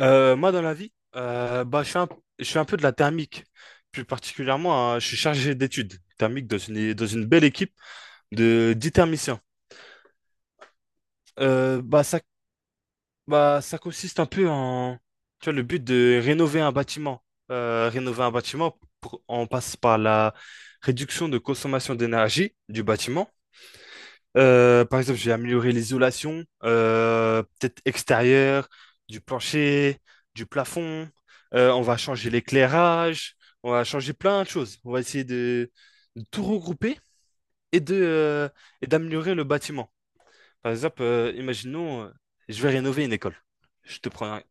Moi, dans la vie, bah, je fais un peu de la thermique. Plus particulièrement, hein, je suis chargé d'études thermiques dans une belle équipe de 10 thermiciens. Bah, ça consiste un peu en, tu vois, le but de rénover un bâtiment. Rénover un bâtiment, on passe par la réduction de consommation d'énergie du bâtiment. Par exemple, j'ai amélioré l'isolation, peut-être extérieure, du plancher, du plafond. On va changer l'éclairage, on va changer plein de choses. On va essayer de tout regrouper et de, euh, et d'améliorer le bâtiment. Par exemple, imaginons, je vais rénover une école. Je te prends un-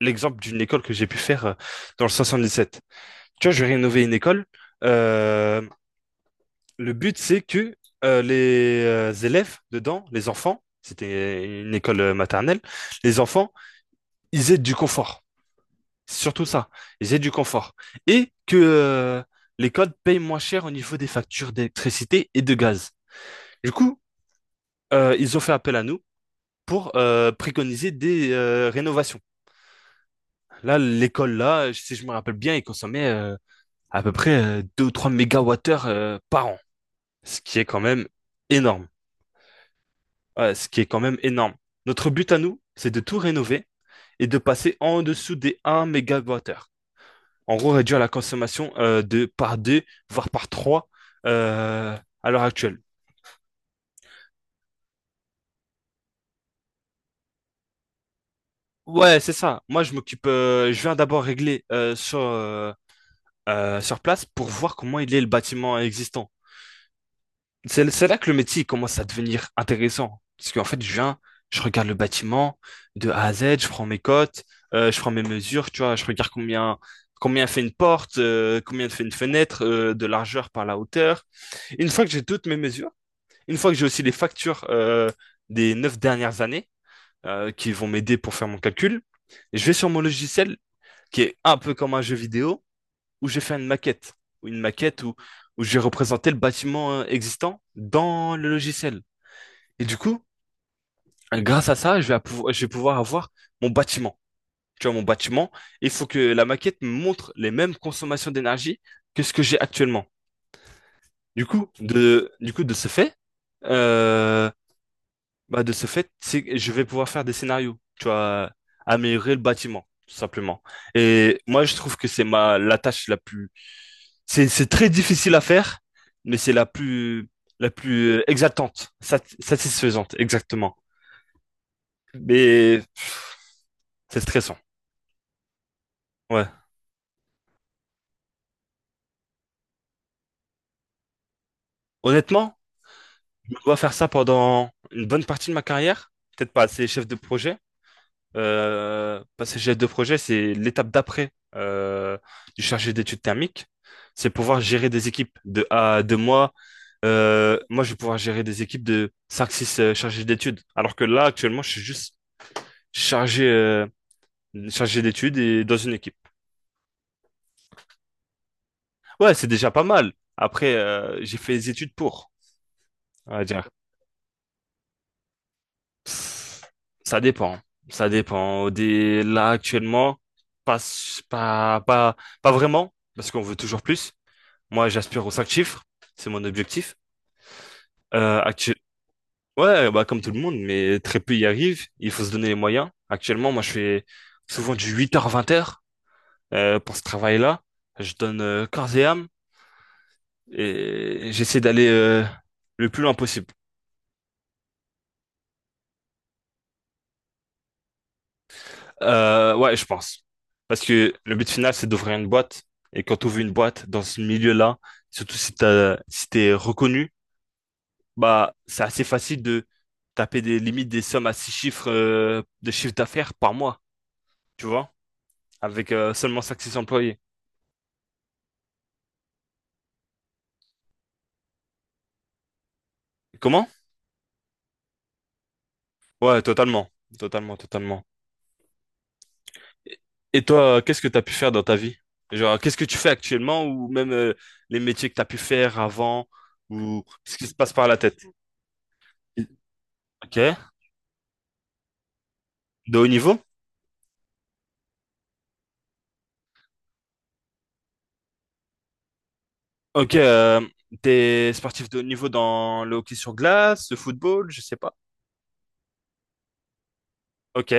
L'exemple d'une école que j'ai pu faire dans le 77. Tu vois, je vais rénover une école. Euh, le but, c'est que les élèves dedans, les enfants, c'était une école maternelle, les enfants, ils aient du confort. C'est surtout ça, ils aient du confort. Et que l'école paye moins cher au niveau des factures d'électricité et de gaz. Du coup, ils ont fait appel à nous pour préconiser des rénovations. Là, l'école, là, si je me rappelle bien, elle consommait à peu près 2 ou 3 mégawattheures par an, ce qui est quand même énorme. Ce qui est quand même énorme. Notre but à nous, c'est de tout rénover et de passer en dessous des 1 mégawattheure. En gros, réduire la consommation de par 2, voire par 3 euh, à l'heure actuelle. Ouais, c'est ça. Moi, je m'occupe. Je viens d'abord régler sur place pour voir comment il est le bâtiment existant. C'est là que le métier commence à devenir intéressant. Parce qu'en fait, je regarde le bâtiment de A à Z, je prends mes cotes, je prends mes mesures, tu vois, je regarde combien fait une porte, combien fait une fenêtre, de largeur par la hauteur. Une fois que j'ai toutes mes mesures, une fois que j'ai aussi les factures des 9 dernières années qui vont m'aider pour faire mon calcul, je vais sur mon logiciel qui est un peu comme un jeu vidéo où j'ai fait une maquette, ou une maquette où j'ai représenté le bâtiment existant dans le logiciel. Et du coup, grâce à ça, je vais pouvoir avoir mon bâtiment. Tu vois, mon bâtiment, il faut que la maquette me montre les mêmes consommations d'énergie que ce que j'ai actuellement. Du coup, de ce fait, euh, bah, de ce fait, c'est- je vais pouvoir faire des scénarios, tu vois, améliorer le bâtiment, tout simplement. Et moi, je trouve que c'est la tâche la plus, c'est très difficile à faire, mais c'est la plus, exaltante, satisfaisante, exactement. Mais c'est stressant, ouais. Honnêtement, je dois faire ça pendant une bonne partie de ma carrière, peut-être pas assez chef de projet. Parce que chef de projet, c'est l'étape d'après du chargé d'études thermiques. C'est pouvoir gérer des équipes de à de moi. Moi, je vais pouvoir gérer des équipes de cinq six chargés d'études. Alors que là, actuellement, je suis juste chargé, euh, chargé d'études et dans une équipe. Ouais, c'est déjà pas mal. Après, j'ai fait les études pour, on va dire. Ça dépend. Ça dépend. Des... Là, actuellement, pas, s- pas, pas, pas vraiment, parce qu'on veut toujours plus. Moi, j'aspire aux cinq chiffres, c'est mon objectif. Euh, actu- Ouais, bah, comme tout le monde, mais très peu y arrivent. Il faut se donner les moyens. Actuellement, moi, je fais souvent du 8h-20h pour ce travail-là. Je donne corps et âme et j'essaie d'aller le plus loin possible. Ouais, je pense. Parce que le but final, c'est d'ouvrir une boîte. Et quand tu ouvres une boîte dans ce milieu-là, surtout si t'es reconnu, bah, c'est assez facile de taper des limites des sommes à six chiffres de chiffre d'affaires par mois, tu vois, avec seulement cinq six employés. Comment? Ouais, totalement, totalement, totalement. Et et toi, qu'est-ce que tu as pu faire dans ta vie? Genre, qu'est-ce que tu fais actuellement ou même les métiers que tu as pu faire avant ou ce qui se passe par la tête? Ok. De haut niveau? Ok, t'es sportif de haut niveau dans le hockey sur glace, le football, je sais pas. Ok,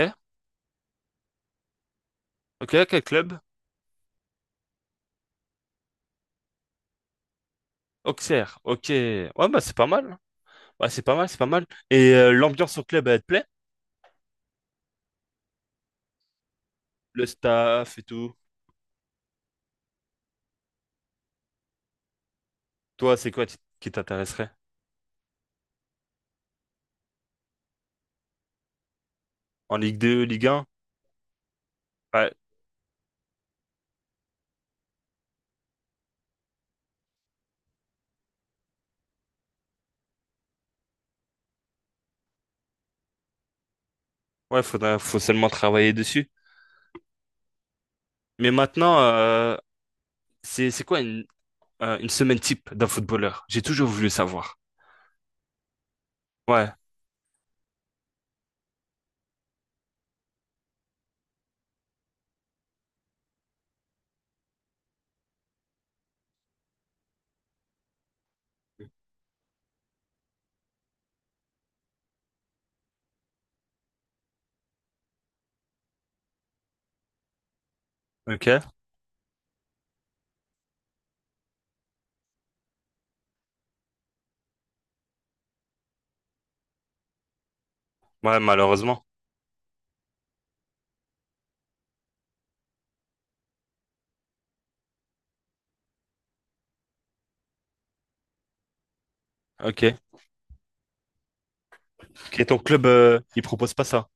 ok, quel club? Auxerre, ok. Ouais, bah c'est pas mal. Ouais, c'est pas mal, c'est pas mal. Et l'ambiance au club, elle te plaît? Le staff et tout. Toi, c'est quoi qui t'intéresserait? En Ligue 2, Ligue 1? Ouais, ouais, faut seulement travailler dessus. Mais maintenant, c'est quoi une semaine type d'un footballeur? J'ai toujours voulu savoir. Ouais, ok. Ouais, malheureusement. Ok. Et ton club, il propose pas ça.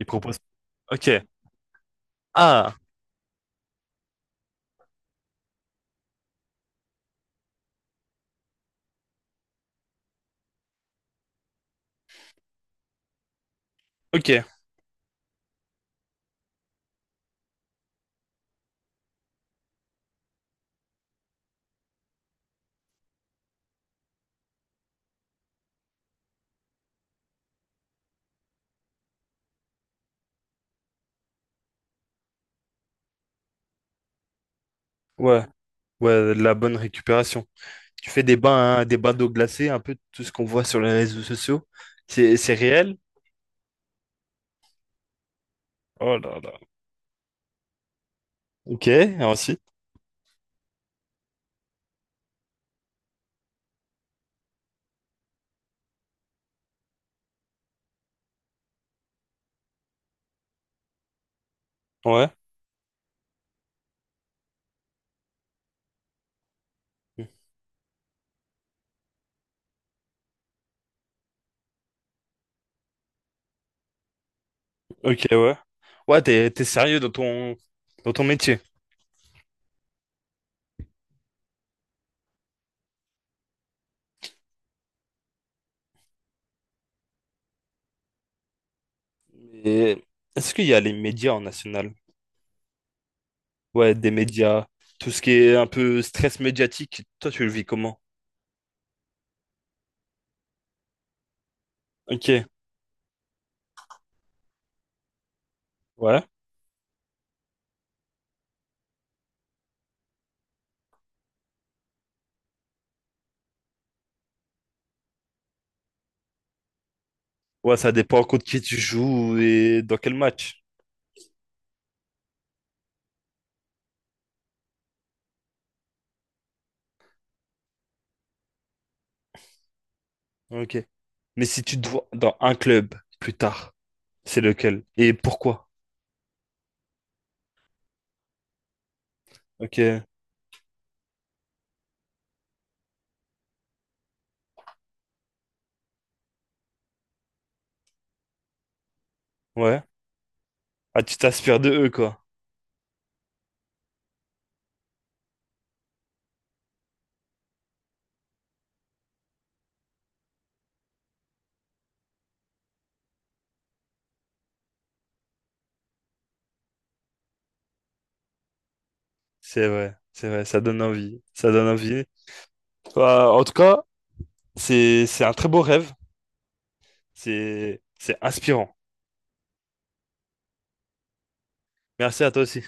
Il propose. Ok. Ah, ok. Ouais, ouais, de la bonne récupération. Tu fais des bains, hein, des bains d'eau glacée, un peu tout ce qu'on voit sur les réseaux sociaux. C'est réel? Oh là là. Ok, ah, aussi. Ouais. Ok, ouais. Ouais, t'es sérieux dans dans ton métier. Et est-ce qu'il y a les médias en national? Ouais, des médias, tout ce qui est un peu stress médiatique. Toi, tu le vis comment? Ok, ouais. Ouais, ça dépend contre qui tu joues et dans quel match. Ok. Mais si tu te vois dans un club plus tard, c'est lequel? Et pourquoi? Ok, ouais. Ah, tu t'inspires de eux, quoi. C'est vrai, ça donne envie. Ça donne envie. Bah, en tout cas, c'est un très beau rêve. C'est inspirant. Merci à toi aussi.